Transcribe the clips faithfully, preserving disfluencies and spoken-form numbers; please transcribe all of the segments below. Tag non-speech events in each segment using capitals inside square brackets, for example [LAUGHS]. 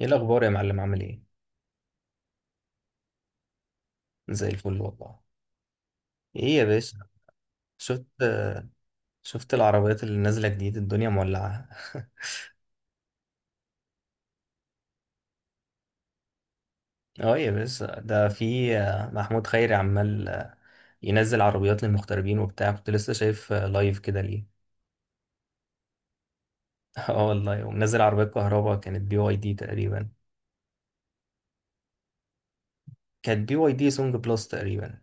ايه الاخبار يا معلم عامل ايه؟ زي الفل والله. ايه يا باشا؟ شفت شفت العربيات اللي نازله جديد، الدنيا مولعه. [LAUGHS] اه يا باشا، ده في آه، محمود خيري عمال آه، ينزل عربيات للمغتربين وبتاع، كنت لسه شايف آه، لايف كده ليه. [LAUGHS] اه والله، ومنزل عربيات كهرباء، كانت بي واي دي تقريبا. كانت بي واي دي سونج بلس تقريبا.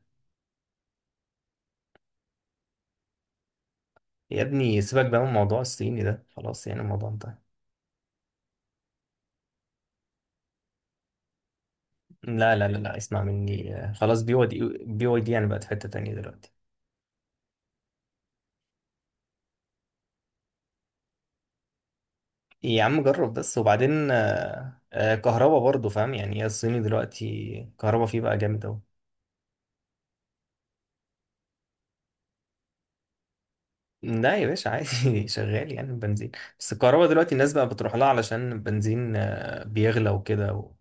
يا ابني سيبك بقى من موضوع الصيني ده، خلاص يعني الموضوع انتهى. لا لا لا لا، اسمع مني آه، خلاص بي واي دي، بي واي دي يعني بقت في حته تانيه دلوقتي. إيه، يا عم جرب بس وبعدين آه، آه، كهربا برضه، فاهم يعني، هي الصيني دلوقتي كهربا فيه بقى جامد أوي. لا يا باشا عادي، [LAUGHS] شغال يعني البنزين، بس الكهربا دلوقتي الناس بقى بتروح لها علشان البنزين آه، بيغلى وكده و...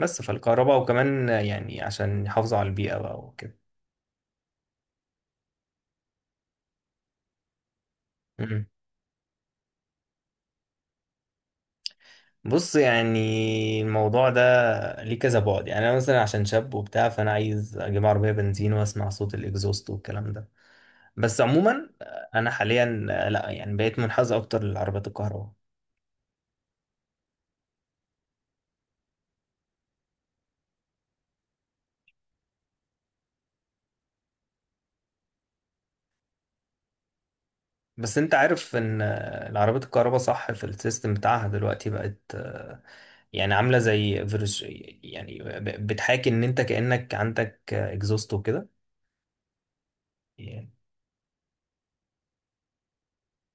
بس فالكهربا، وكمان آه، يعني عشان يحافظوا على البيئة بقى وكده. مم. بص يعني الموضوع ده ليه كذا بعد، يعني أنا مثلا عشان شاب وبتاع، فأنا عايز أجيب عربية بنزين وأسمع صوت الإكزوست والكلام ده. بس عموما آه، انا حاليا آه، لا يعني بقيت منحاز اكتر للعربيات الكهرباء. بس انت عارف ان آه، العربيات الكهرباء صح، في السيستم بتاعها دلوقتي بقت آه، يعني عامله زي فيرج، يعني ب- بتحاكي ان انت كانك عندك اكزوست وكده، يعني.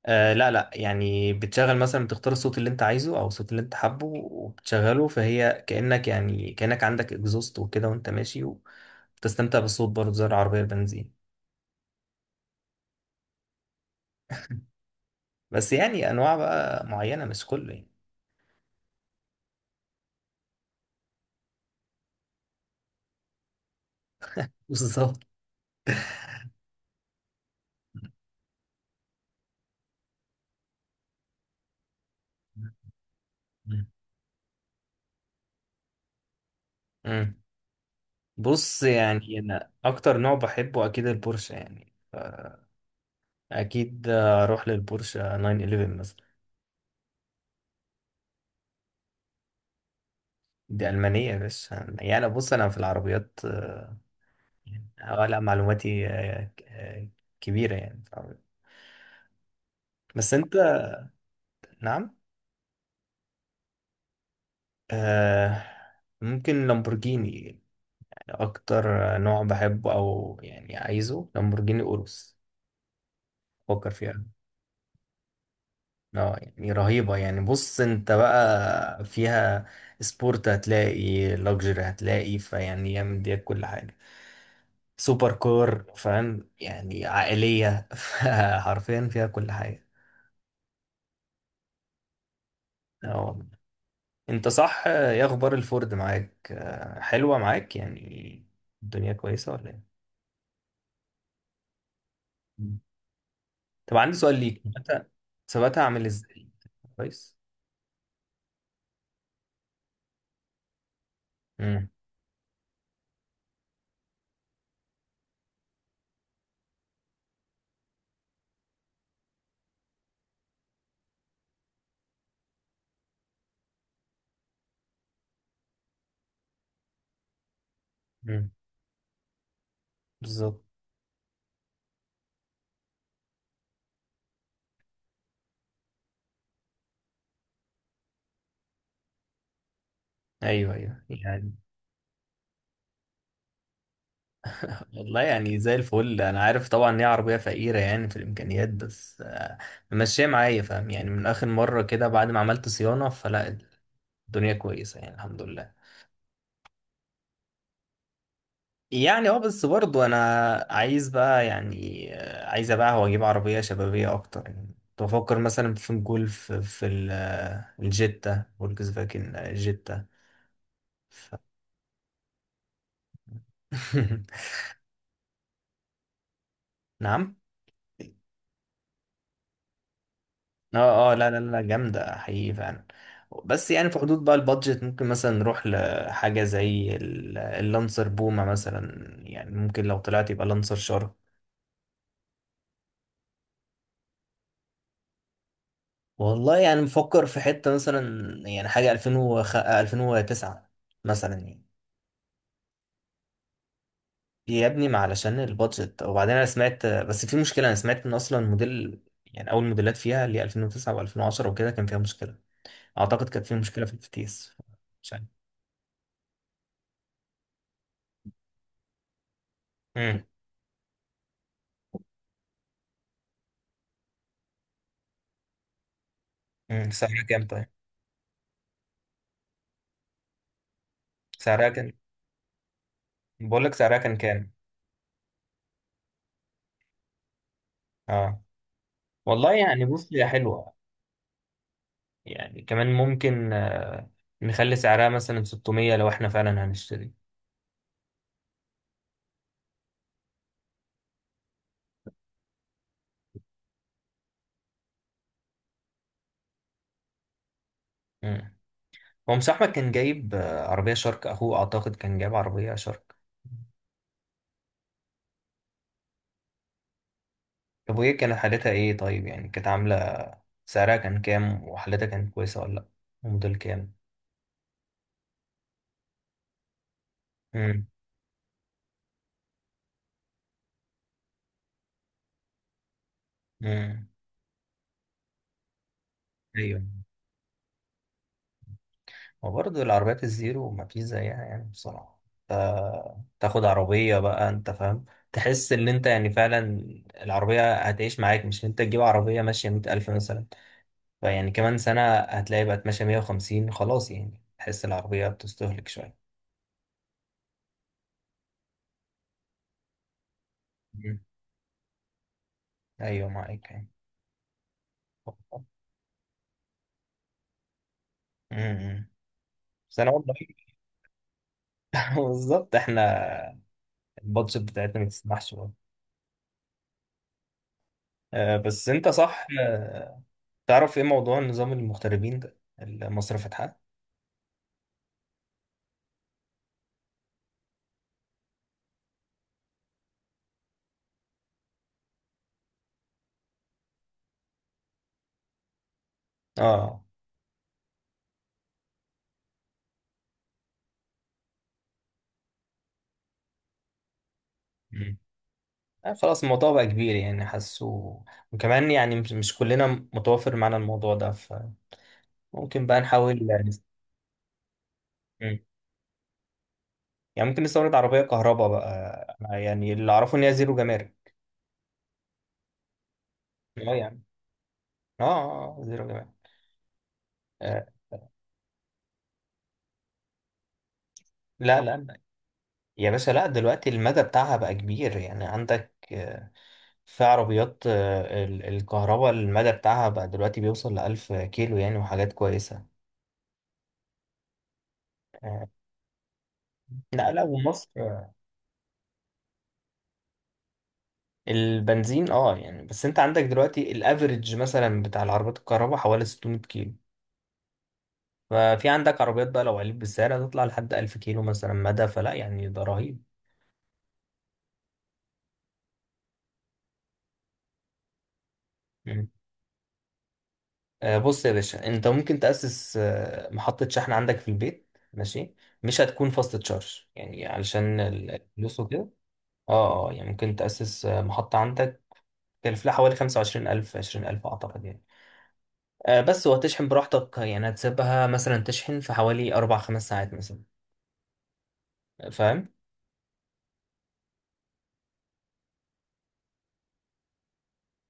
آه لا لا، يعني بتشغل مثلا، بتختار الصوت اللي انت عايزه او الصوت اللي انت حابه وبتشغله، فهي كانك، يعني كانك عندك اكزوست وكده، وانت ماشي وبتستمتع بالصوت برضه زي العربيه البنزين، بس يعني انواع بقى معينه، مش كله يعني. بالظبط. مم. بص يعني انا اكتر نوع بحبه اكيد البورشه يعني. اكيد اروح للبورشه ناين ون ون مثلا. دي المانيه يا باشا، يعني أنا بص، انا في العربيات آه، يعني آه، لا معلوماتي آه، ك- آه، كبيره يعني في العربيات. بس انت. نعم. آه، ممكن لامبورجيني، اكتر نوع بحبه، او يعني عايزه لامبورجيني اوروس، فكر فيها. اه يعني رهيبة، يعني بص انت بقى فيها سبورت هتلاقي، لوكسجري هتلاقي، فيعني هي مديك كل حاجة. سوبر كور، فاهم يعني، عائلية، [LAUGHS] حرفيا فيها كل حاجة. اه والله. انت صح، ايه اخبار الفورد معاك؟ اه، حلوة معاك يعني، الدنيا كويسة ولا ايه؟ مم. طب عندي سؤال ليك، ثباتها، ثباتها عامل ازاي؟ كويس. امم. امم. بالظبط. ايوه ايوه يعني. والله يعني زي الفل، انا عارف طبعا ان هي عربيه فقيره يعني في الامكانيات، بس آه، ماشيه معايا، فاهم يعني، من اخر مره كده بعد ما عملت صيانه، فلا الدنيا كويسه يعني، الحمد لله. يعني اه، بس برضو انا عايز بقى، يعني آه، عايز ابيعها واجيب عربيه شبابيه اكتر يعني، كنت بفكر مثلا في الجولف، في ال- آه، الجيتا، فولكس فاجن آه، جيتا، ف... [LAUGHS] نعم. اه اه لا لا لا، جامدة حقيقي فعلا. بس يعني في حدود بقى البادجت، ممكن مثلا نروح لحاجة زي ال- اللانسر بومة مثلا، يعني ممكن لو طلعت يبقى لانسر شارك. والله يعني مفكر في حتة مثلا، يعني حاجة ألفين وخمسة ألفين وتسعة مثلا يعني. يا ابني ما علشان البادجت، وبعدين انا سمعت بس في مشكلة، انا سمعت ان اصلا موديل، يعني اول موديلات فيها اللي هي ألفين وتسعة و2010 وكده كان فيها مشكلة. اعتقد كانت فيها مشكلة في الفتيس، مش عارف. امم. أمم. سعرها كام طيب؟ سعرها كام؟ بقول لك سعرها كان كام. اه، والله يعني بص هي حلوه، يعني كمان ممكن آه، نخلي سعرها مثلا ستمائة لو احنا فعلا هنشتري. مم. هو مش احمد كان جايب آه، عربيه شارك، اخوه اعتقد كان جايب عربيه شارك. طب وهي كانت حالتها ايه طيب، يعني كانت عامله؟ سعرها كان كام، وحالتها كانت كويسه ولا لا، وموديل كام؟ امم. امم. ايوه. وبرضه العربيات الزيرو ما فيش زيها يعني بصراحة. ف- تاخد عربية بقى انت فاهم، تحس ان انت يعني فعلا العربية هتعيش معاك، مش ان انت تجيب عربية ماشية مية ألف مثلا، فيعني كمان سنة هتلاقي بقت ماشية مية وخمسين، خلاص يعني تحس العربية بتستهلك شوية. مم. أيوة معاك يعني. مم. بس أنا والله، [LAUGHS] بالظبط، احنا البادجت بتاعتنا ما تسمحش برضه. آه، بس انت صح، آه، تعرف ايه موضوع نظام المغتربين ده اللي مصر فاتحاه؟ اه. مم. آه، خلاص الموضوع بقى كبير يعني، حاسه، وكمان يعني مش مش كلنا متوافر معانا الموضوع ده، فممكن بقى نحاول. نس- مم. يعني ممكن نستورد عربية كهرباء بقى، أنا يعني اللي أعرفه إن هي زيرو جمارك. اه يعني، اه آه، آه، زيرو جمارك. آه، لا لا يا باشا، لا، دلوقتي المدى بتاعها بقى كبير، يعني عندك آه، في عربيات آه، ال- الكهرباء، المدى بتاعها بقى دلوقتي بيوصل لألف كيلو يعني، وحاجات كويسة. آه، لا لا، ومصر البنزين اه يعني، بس انت عندك دلوقتي الافريج مثلا بتاع العربيات الكهرباء حوالي ستمية كيلو، ففي عندك عربيات بقى لو عليت بالسعر هتطلع لحد ألف كيلو مثلا مدى، فلا يعني ده رهيب. مم. آه، بص يا باشا، انت ممكن تأسس آه، محطة شحن عندك في البيت، ماشي، مش هتكون فاست تشارج يعني علشان ال- الفلوس وكده. اه اه يعني ممكن تأسس آه، محطة عندك، تكلف لها حوالي خمسة وعشرين ألف عشرين ألف أعتقد يعني. آه، بس وهتشحن براحتك، يعني هتسيبها مثلا تشحن في حوالي أربع خمس ساعات مثلا، فاهم.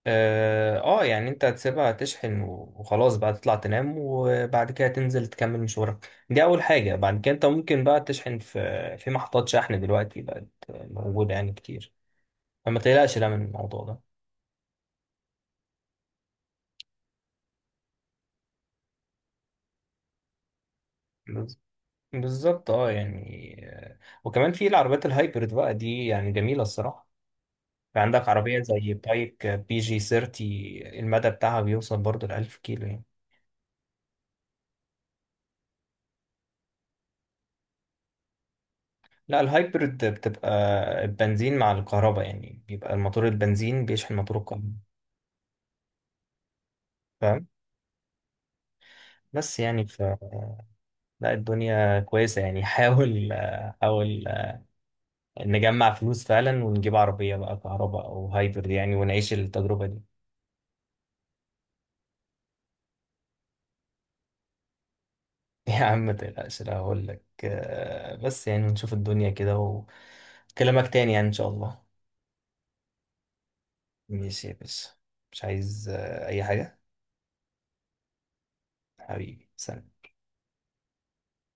اه آه، يعني انت هتسيبها تشحن وخلاص بقى، تطلع تنام، وبعد كده تنزل تكمل مشوارك، دي اول حاجة. بعد كده انت ممكن بقى تشحن في في محطات شحن دلوقتي بقت موجودة يعني كتير، فما تقلقش لا من الموضوع ده. بز- بالظبط، اه يعني، آه، وكمان في العربيات الهايبرد بقى دي يعني جميلة الصراحة، في عندك عربية زي بايك بي جي تلاتين، المدى بتاعها بيوصل برضه لألف كيلو يعني. لا، الهايبرد بتبقى البنزين مع الكهرباء، يعني بيبقى الموتور البنزين بيشحن موتور الكهرباء، فاهم، بس يعني ف لا الدنيا كويسة يعني. [LAUGHS] حاول، حاول نجمع فلوس فعلا، ونجيب عربية بقى كهرباء أو هايبرد يعني، ونعيش التجربة دي. [LAUGHS] يا عم ما تقلقش، لا هقول لك آه، بس يعني نشوف الدنيا كده، وكلامك تاني يعني إن شاء الله. ماشي يا باشا، مش عايز آه، أي حاجة. حبيبي سلام.